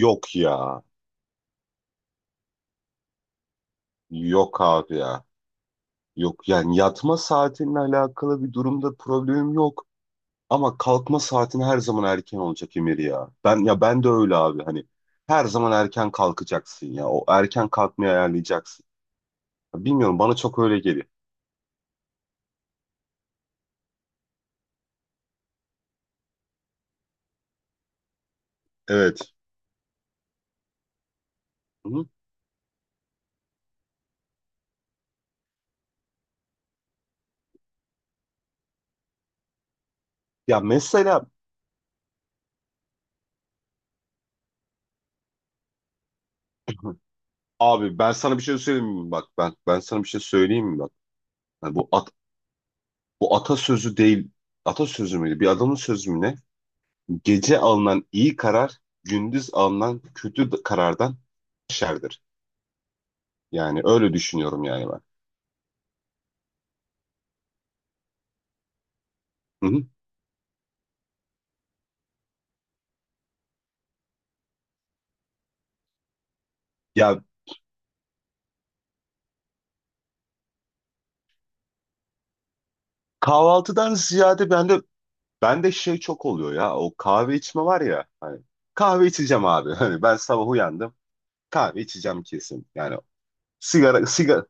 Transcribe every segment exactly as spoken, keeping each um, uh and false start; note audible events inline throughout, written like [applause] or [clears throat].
Yok ya. Yok abi ya. Yok, yani yatma saatinle alakalı bir durumda problemim yok. Ama kalkma saatin her zaman erken olacak Emir ya. Ben ya ben de öyle abi, hani her zaman erken kalkacaksın ya. O erken kalkmayı ayarlayacaksın. Bilmiyorum, bana çok öyle geliyor. Evet. Hı? Ya mesela [clears throat] abi ben sana bir şey söyleyeyim mi, bak ben ben sana bir şey söyleyeyim mi, bak yani bu at, bu atasözü değil, atasözü müydü, bir adamın sözü mü ne. Gece alınan iyi karar, gündüz alınan kötü d- karardan şerdir. Yani öyle düşünüyorum yani ben. Hı hı. Ya kahvaltıdan ziyade bende bende şey çok oluyor ya. O kahve içme var ya, hani kahve içeceğim abi. [laughs] Hani ben sabah uyandım. Kahve içeceğim kesin. Yani sigara sigara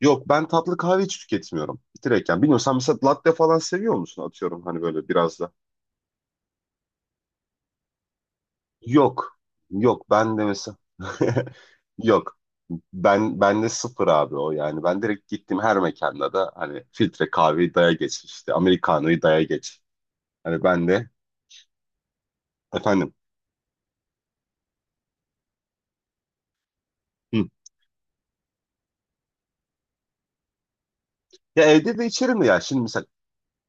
yok, ben tatlı kahve hiç tüketmiyorum. Direkt. Yani bilmiyorum, sen mesela latte falan seviyor musun, atıyorum, hani böyle biraz da. Yok. Yok ben de mesela [laughs] yok. Ben ben de sıfır abi o, yani. Ben direkt gittim, her mekanda da hani filtre kahveyi daya geç işte. Americano'yu daya geç. Hani ben de. Efendim. Hı. Ya evde de içerim de ya. Şimdi mesela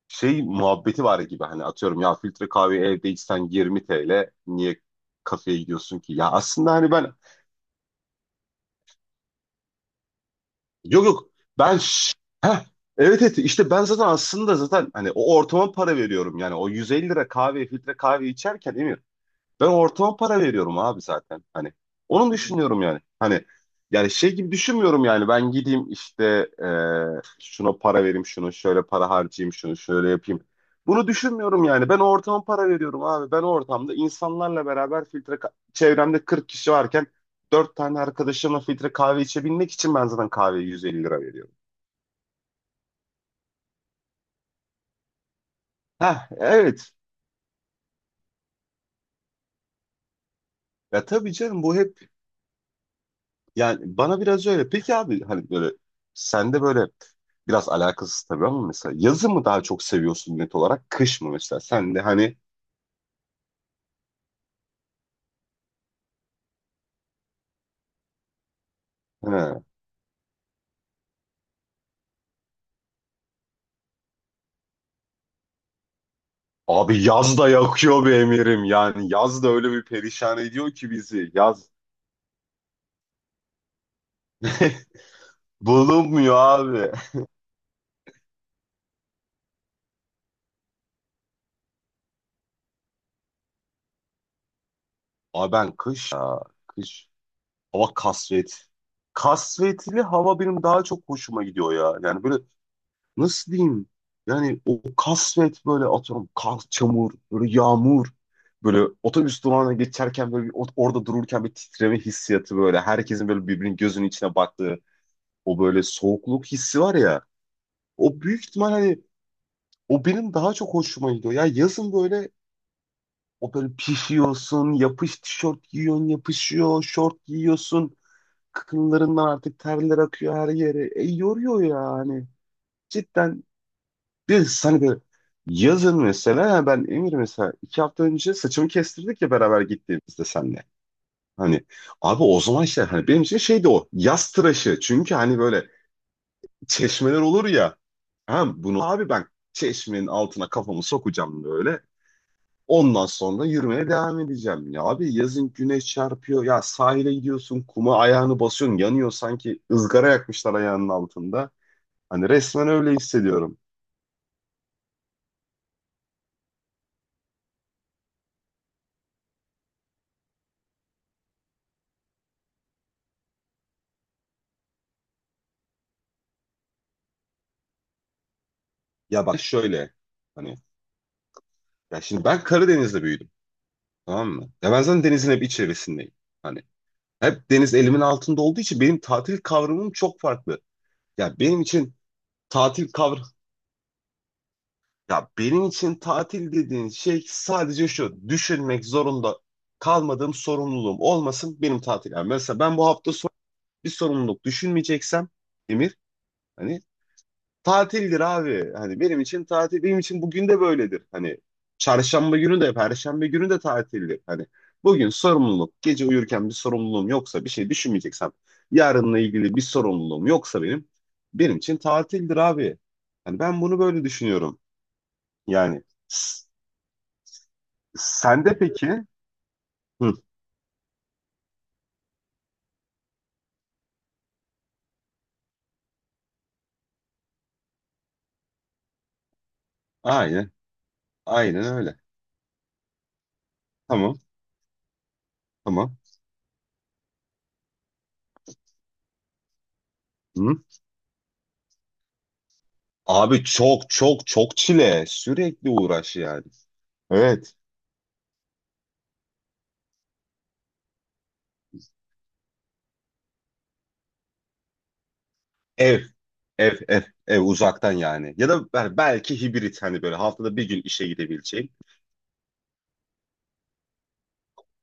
şey muhabbeti var gibi, hani atıyorum ya, filtre kahve evde içsen yirmi T L, niye kafeye gidiyorsun ki? Ya aslında hani ben. Yok yok, ben ş- heh, evet evet, işte ben zaten aslında zaten hani o ortama para veriyorum, yani o yüz elli lira kahve, filtre kahve içerken Emir, ben ortama para veriyorum abi zaten. Hani onu düşünüyorum yani. Hani yani şey gibi düşünmüyorum yani. Ben gideyim işte, e, şuna para vereyim, şunu şöyle para harcayayım, şunu şöyle yapayım. Bunu düşünmüyorum yani. Ben o ortama para veriyorum abi. Ben o ortamda insanlarla beraber filtre ka- çevremde kırk kişi varken dört tane arkadaşımla filtre kahve içebilmek için ben zaten kahveye yüz elli lira veriyorum. Heh, evet. Ya tabii canım, bu hep. Yani bana biraz öyle. Peki abi, hani böyle sende böyle, biraz alakasız tabii ama, mesela yazı mı daha çok seviyorsun net olarak, kış mı mesela? Sen de hani, he, abi yaz da yakıyor be Emir'im, yani yaz da öyle bir perişan ediyor ki bizi yaz. [laughs] Bulunmuyor abi. Abi ben kış ya, kış, hava kasvet. Kasvetli hava benim daha çok hoşuma gidiyor ya. Yani böyle, nasıl diyeyim? Yani o kasvet, böyle atıyorum kar, çamur, böyle yağmur. Böyle otobüs durağına geçerken böyle bir, ot- orada dururken bir titreme hissiyatı böyle. Herkesin böyle birbirinin gözünün içine baktığı o böyle soğukluk hissi var ya. O büyük ihtimal hani o benim daha çok hoşuma gidiyor. Ya yazın böyle, o böyle pişiyorsun, yapış tişört giyiyorsun, yapışıyor, şort giyiyorsun. Kıkınlarından artık terler akıyor her yere. E yoruyor ya hani. Cidden. Biz hani böyle yazın mesela, yani ben Emir, mesela iki hafta önce saçımı kestirdik ya, beraber gittiğimizde senle. Hani abi o zaman işte, hani benim için şeydi o yaz tıraşı. Çünkü hani böyle çeşmeler olur ya. Ha bunu abi, ben çeşmenin altına kafamı sokacağım böyle. Ondan sonra yürümeye devam edeceğim. Ya abi, yazın güneş çarpıyor. Ya sahile gidiyorsun, kuma ayağını basıyorsun, yanıyor, sanki ızgara yakmışlar ayağının altında. Hani resmen öyle hissediyorum. Ya bak şöyle, hani ya şimdi ben Karadeniz'de büyüdüm. Tamam mı? Ya ben zaten denizin hep içerisindeyim. Hani hep deniz elimin altında olduğu için benim tatil kavramım çok farklı. Ya benim için tatil kavr ya benim için tatil dediğin şey, sadece şu: düşünmek zorunda kalmadığım, sorumluluğum olmasın, benim tatil. Yani mesela ben bu hafta son, bir sorumluluk düşünmeyeceksem Emir, hani tatildir abi. Hani benim için tatil, benim için bugün de böyledir. Hani çarşamba günü de, perşembe günü de tatildir. Hani bugün sorumluluk, gece uyurken bir sorumluluğum yoksa, bir şey düşünmeyeceksem, yarınla ilgili bir sorumluluğum yoksa benim, benim için tatildir abi. Hani ben bunu böyle düşünüyorum. Yani. s- Sende peki? Hı, aynen, aynen öyle. Tamam, tamam. Hı. Abi çok çok çok çile. Sürekli uğraş yani. Evet. Ev, ev, ev, ev uzaktan yani. Ya da bel- belki hibrit, hani böyle haftada bir gün işe gidebileceğim.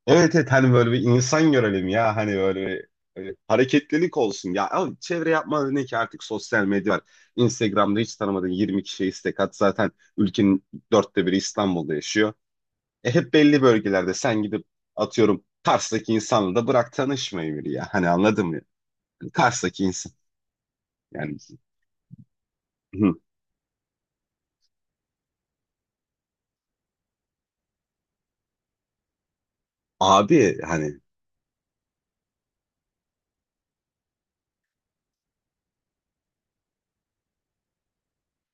Evet evet, hani böyle bir insan görelim ya, hani böyle bir, böyle hareketlilik olsun ya. Ama çevre yapma ne ki, artık sosyal medya var. Instagram'da hiç tanımadığın yirmi kişiye istek at. Zaten ülkenin dörtte biri İstanbul'da yaşıyor. E hep belli bölgelerde sen, gidip atıyorum Kars'taki insanla da bırak tanışmayı, biri ya. Hani anladın mı? Hani Kars'taki insan. Yani. Hı. Abi hani.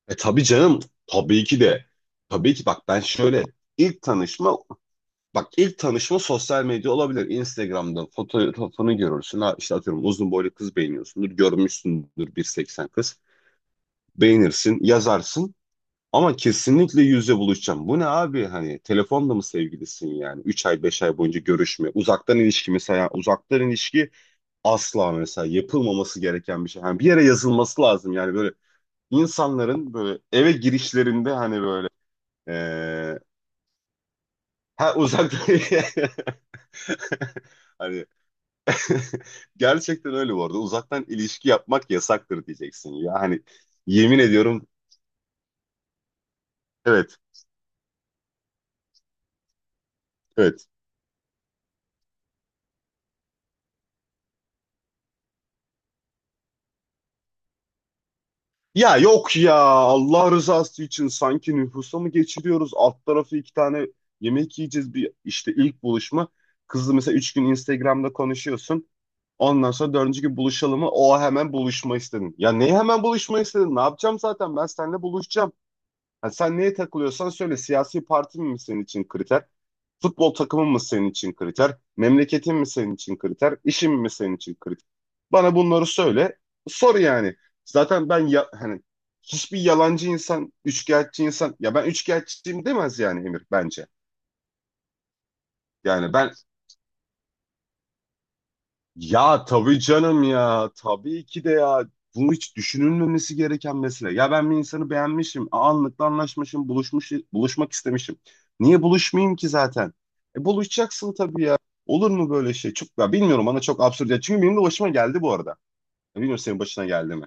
E tabii canım. Tabii ki de. Tabii ki bak ben şöyle, ilk tanışma, bak ilk tanışma sosyal medya olabilir. Instagram'da fotoğrafını görürsün. Ha, işte atıyorum uzun boylu kız beğeniyorsundur. Görmüşsündür, bir seksen kız. Beğenirsin, yazarsın. Ama kesinlikle yüzle buluşacağım. Bu ne abi, hani telefonda mı sevgilisin yani? Üç ay beş ay boyunca görüşme. Uzaktan ilişki, mesela uzaktan ilişki asla mesela yapılmaması gereken bir şey. Yani bir yere yazılması lazım, yani böyle insanların böyle eve girişlerinde hani böyle, ee, ha, uzaktan [laughs] hani [laughs] gerçekten öyle bu arada. Uzaktan ilişki yapmak yasaktır diyeceksin ya. Hani yemin ediyorum. Evet evet. Ya yok ya, Allah rızası için sanki nüfusa mı geçiriyoruz? Alt tarafı iki tane yemek yiyeceğiz, bir işte ilk buluşma. Kızla mesela üç gün Instagram'da konuşuyorsun. Ondan sonra dördüncü gün buluşalım mı? O, hemen buluşma istedin. Ya neyi hemen buluşma istedin? Ne yapacağım zaten? Ben seninle buluşacağım. Ha, sen neye takılıyorsan söyle. Siyasi partin mi senin için kriter? Futbol takımın mı senin için kriter? Memleketin mi senin için kriter? İşin mi senin için kriter? Bana bunları söyle. Sor yani. Zaten ben ya, hani hiçbir yalancı insan, üçkağıtçı insan ya ben üçkağıtçıyım demez yani Emir, bence. Yani ben. Ya tabii canım ya. Tabii ki de ya. Bunu hiç düşünülmemesi gereken mesele. Ya ben bir insanı beğenmişim. Anlıkla anlaşmışım. Buluşmuş, buluşmak istemişim. Niye buluşmayayım ki zaten? E, buluşacaksın tabii ya. Olur mu böyle şey? Çok, ya bilmiyorum, bana çok absürt. Ya çünkü benim de başıma geldi bu arada. Ya bilmiyorum, senin başına geldi mi?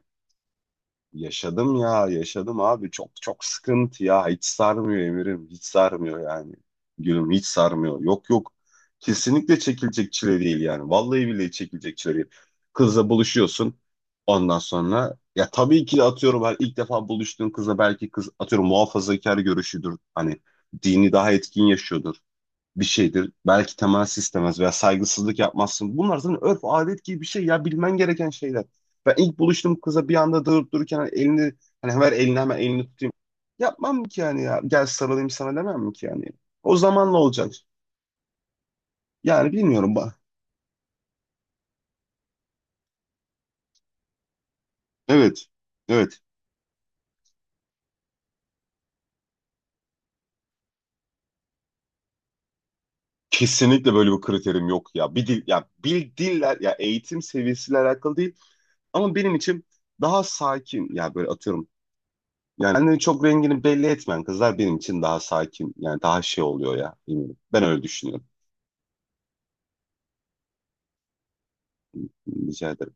Yaşadım ya, yaşadım abi. Çok çok sıkıntı ya. Hiç sarmıyor Emir'im. Hiç sarmıyor yani. Gülüm hiç sarmıyor. Yok yok. Kesinlikle çekilecek çile değil yani. Vallahi billahi çekilecek çile değil. Kızla buluşuyorsun. Ondan sonra ya tabii ki de, atıyorum ben ilk defa buluştuğun kızla, belki kız atıyorum muhafazakar görüşüdür. Hani dini daha etkin yaşıyordur, bir şeydir. Belki temas istemez veya saygısızlık yapmazsın. Bunlar zaten örf adet gibi bir şey ya, bilmen gereken şeyler. Ben ilk buluştuğum kıza bir anda durup dururken hani elini, hani ver elini hemen, elini tutayım. Yapmam ki yani ya. Gel sarılayım sana demem mi ki yani. O zamanla olacak. Yani bilmiyorum. Ba- Evet. Evet. Kesinlikle böyle bir kriterim yok ya. Bir dil ya, bir diller ya, eğitim seviyesiyle alakalı değil ama benim için daha sakin ya, böyle atıyorum. Yani kendini çok rengini belli etmeyen kızlar benim için daha sakin. Yani daha şey oluyor ya. Bilmiyorum. Ben öyle düşünüyorum. Rica ederim.